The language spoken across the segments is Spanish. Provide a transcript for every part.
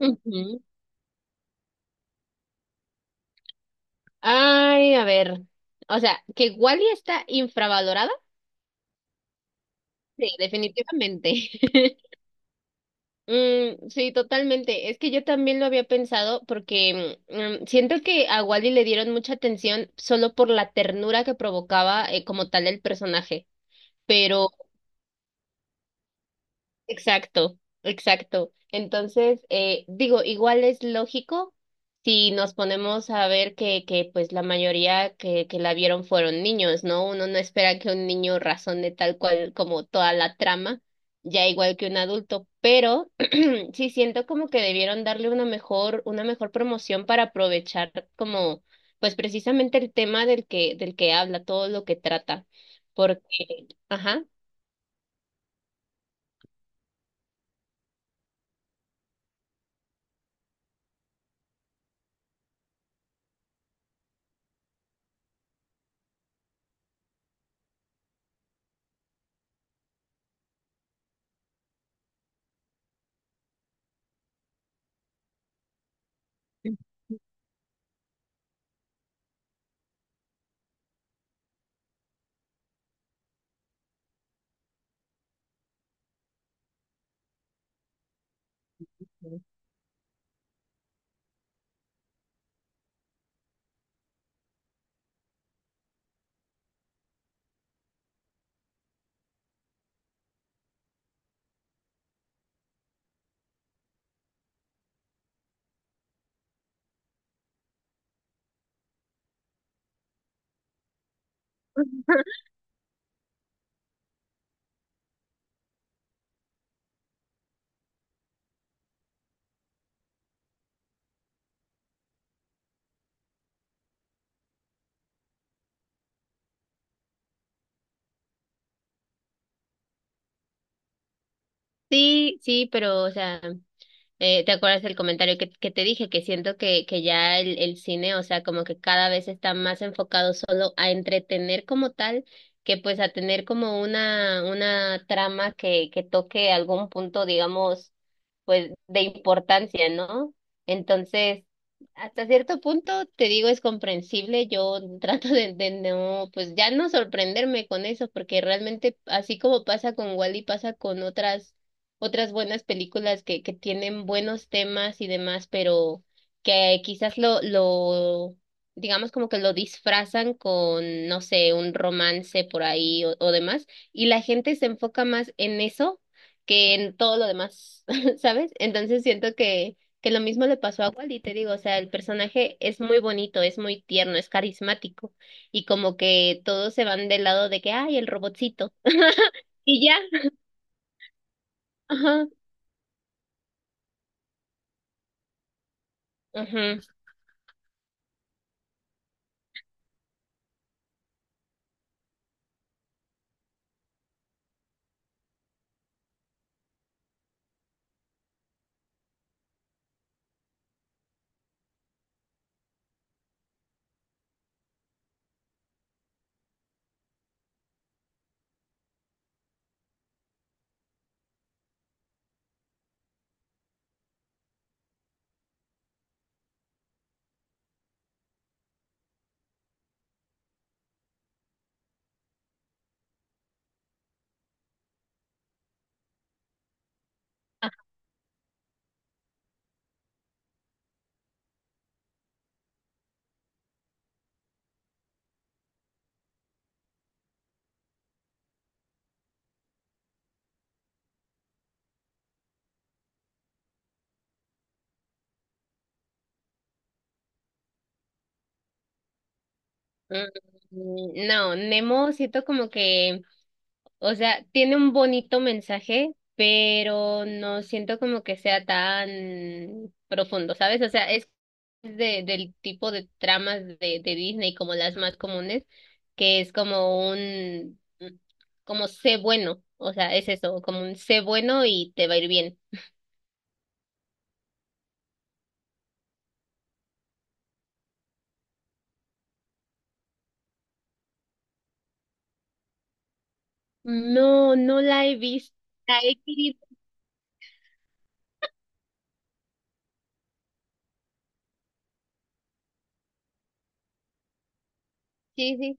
Ujú. Ay, a ver. O sea, que Wally está infravalorada. Sí, definitivamente. Sí, totalmente. Es que yo también lo había pensado porque siento que a Wally le dieron mucha atención solo por la ternura que provocaba, como tal el personaje. Exacto, exacto. Entonces, digo, igual es lógico si nos ponemos a ver que pues la mayoría que la vieron fueron niños, ¿no? Uno no espera que un niño razone tal cual como toda la trama, ya igual que un adulto, pero sí siento como que debieron darle una mejor promoción para aprovechar como, pues precisamente el tema del que habla, todo lo que trata, porque, ajá. Sí, sí, pero, o sea, ¿te acuerdas del comentario que te dije? Que siento que ya el cine, o sea, como que cada vez está más enfocado solo a entretener como tal, que pues a tener como una trama que toque algún punto, digamos, pues de importancia, ¿no? Entonces, hasta cierto punto, te digo, es comprensible. Yo trato de no, pues ya no sorprenderme con eso, porque realmente así como pasa con Wally, pasa con otras otras buenas películas que tienen buenos temas y demás, pero que quizás digamos como que lo disfrazan con, no sé, un romance por ahí o demás, y la gente se enfoca más en eso que en todo lo demás, ¿sabes? Entonces siento que lo mismo le pasó a Wally, te digo, o sea, el personaje es muy bonito, es muy tierno, es carismático, y como que todos se van del lado de que, ay, el robotcito, y ya, ajá, ajá. No, Nemo siento como que, o sea, tiene un bonito mensaje, pero no siento como que sea tan profundo, ¿sabes? O sea, es del tipo de tramas de Disney como las más comunes, que es como un, como sé bueno, o sea, es eso, como un sé bueno y te va a ir bien. No, no la he visto, la he querido, sí, sí.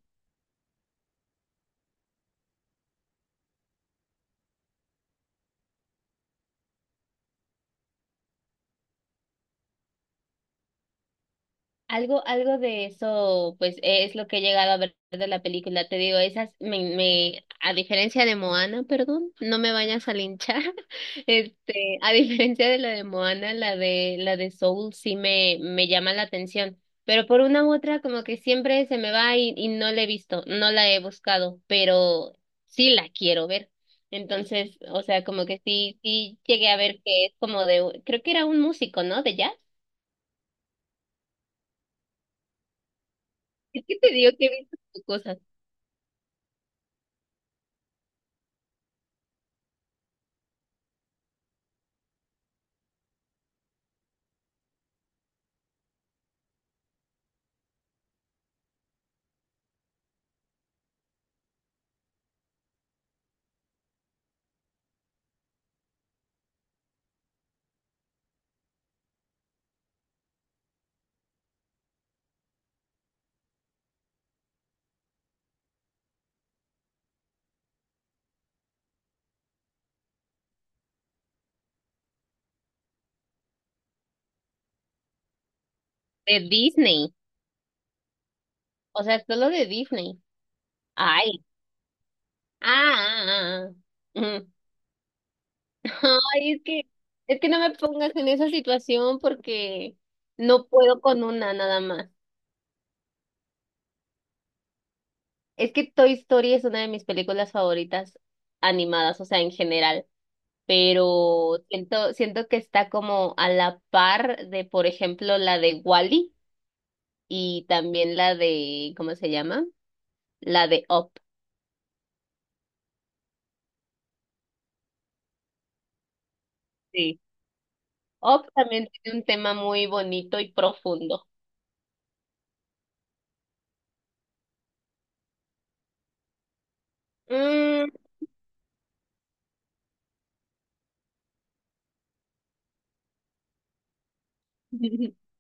Algo, algo de eso, pues e, es lo que he llegado a ver de la película. Te digo, esas me, me, a diferencia de Moana, perdón, no me vayas a linchar. Este, a diferencia de la de Moana, la de Soul sí me llama la atención. Pero por una u otra, como que siempre se me va y no la he visto, no la he buscado, pero sí la quiero ver. Entonces, o sea, como que sí, sí llegué a ver que es como de, creo que era un músico, ¿no? De jazz. Es que te digo que he visto cosas. De Disney. O sea, solo de Disney. Ay. Ah, ah, ah. Ujú. Ay, es que no me pongas en esa situación porque no puedo con una nada más. Es que Toy Story es una de mis películas favoritas animadas, o sea, en general. Pero siento, siento que está como a la par de, por ejemplo, la de Wally y también la de, ¿cómo se llama? La de Up. Sí. Up también tiene un tema muy bonito y profundo. Mm,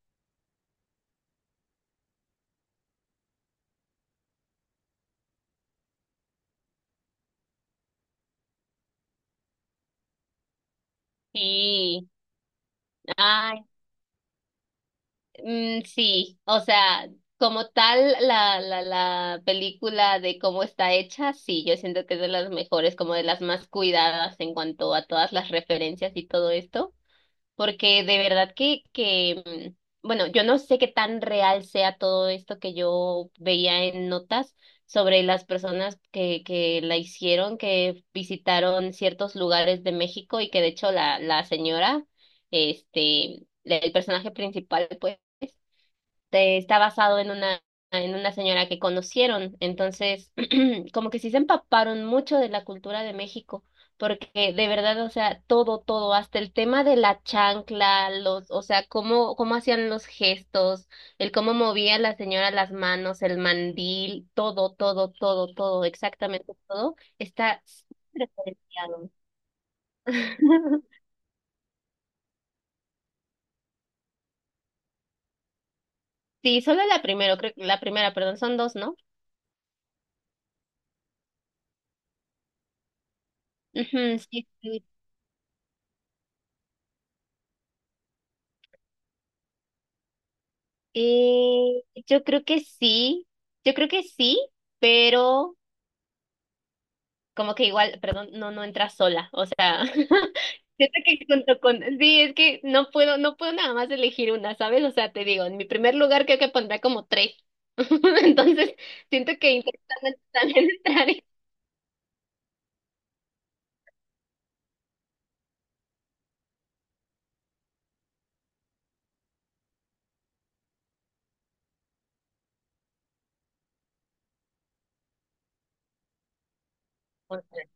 sí, ay, sí, o sea, como tal la película de cómo está hecha, sí, yo siento que es de las mejores, como de las más cuidadas en cuanto a todas las referencias y todo esto. Porque de verdad bueno, yo no sé qué tan real sea todo esto que yo veía en notas sobre las personas que la hicieron, que visitaron ciertos lugares de México y que de hecho la señora, este, el personaje principal, pues, de- está basado en una señora que conocieron. Entonces, como que sí se empaparon mucho de la cultura de México, porque de verdad, o sea, todo, todo, hasta el tema de la chancla, los, o sea, cómo, cómo hacían los gestos, el cómo movía la señora las manos, el mandil, todo, todo, todo, todo, exactamente todo, está súper diferenciado. Sí, solo la primera creo, la primera, perdón, son dos, ¿no? Ujú, sí, sí. Yo creo que sí, yo creo que sí, pero como que igual, perdón, no, no entra sola, o sea, siento que junto con, sí, es que no puedo, no puedo nada más elegir una, ¿sabes? O sea, te digo, en mi primer lugar creo que pondrá como tres, entonces siento que intentando también entrar.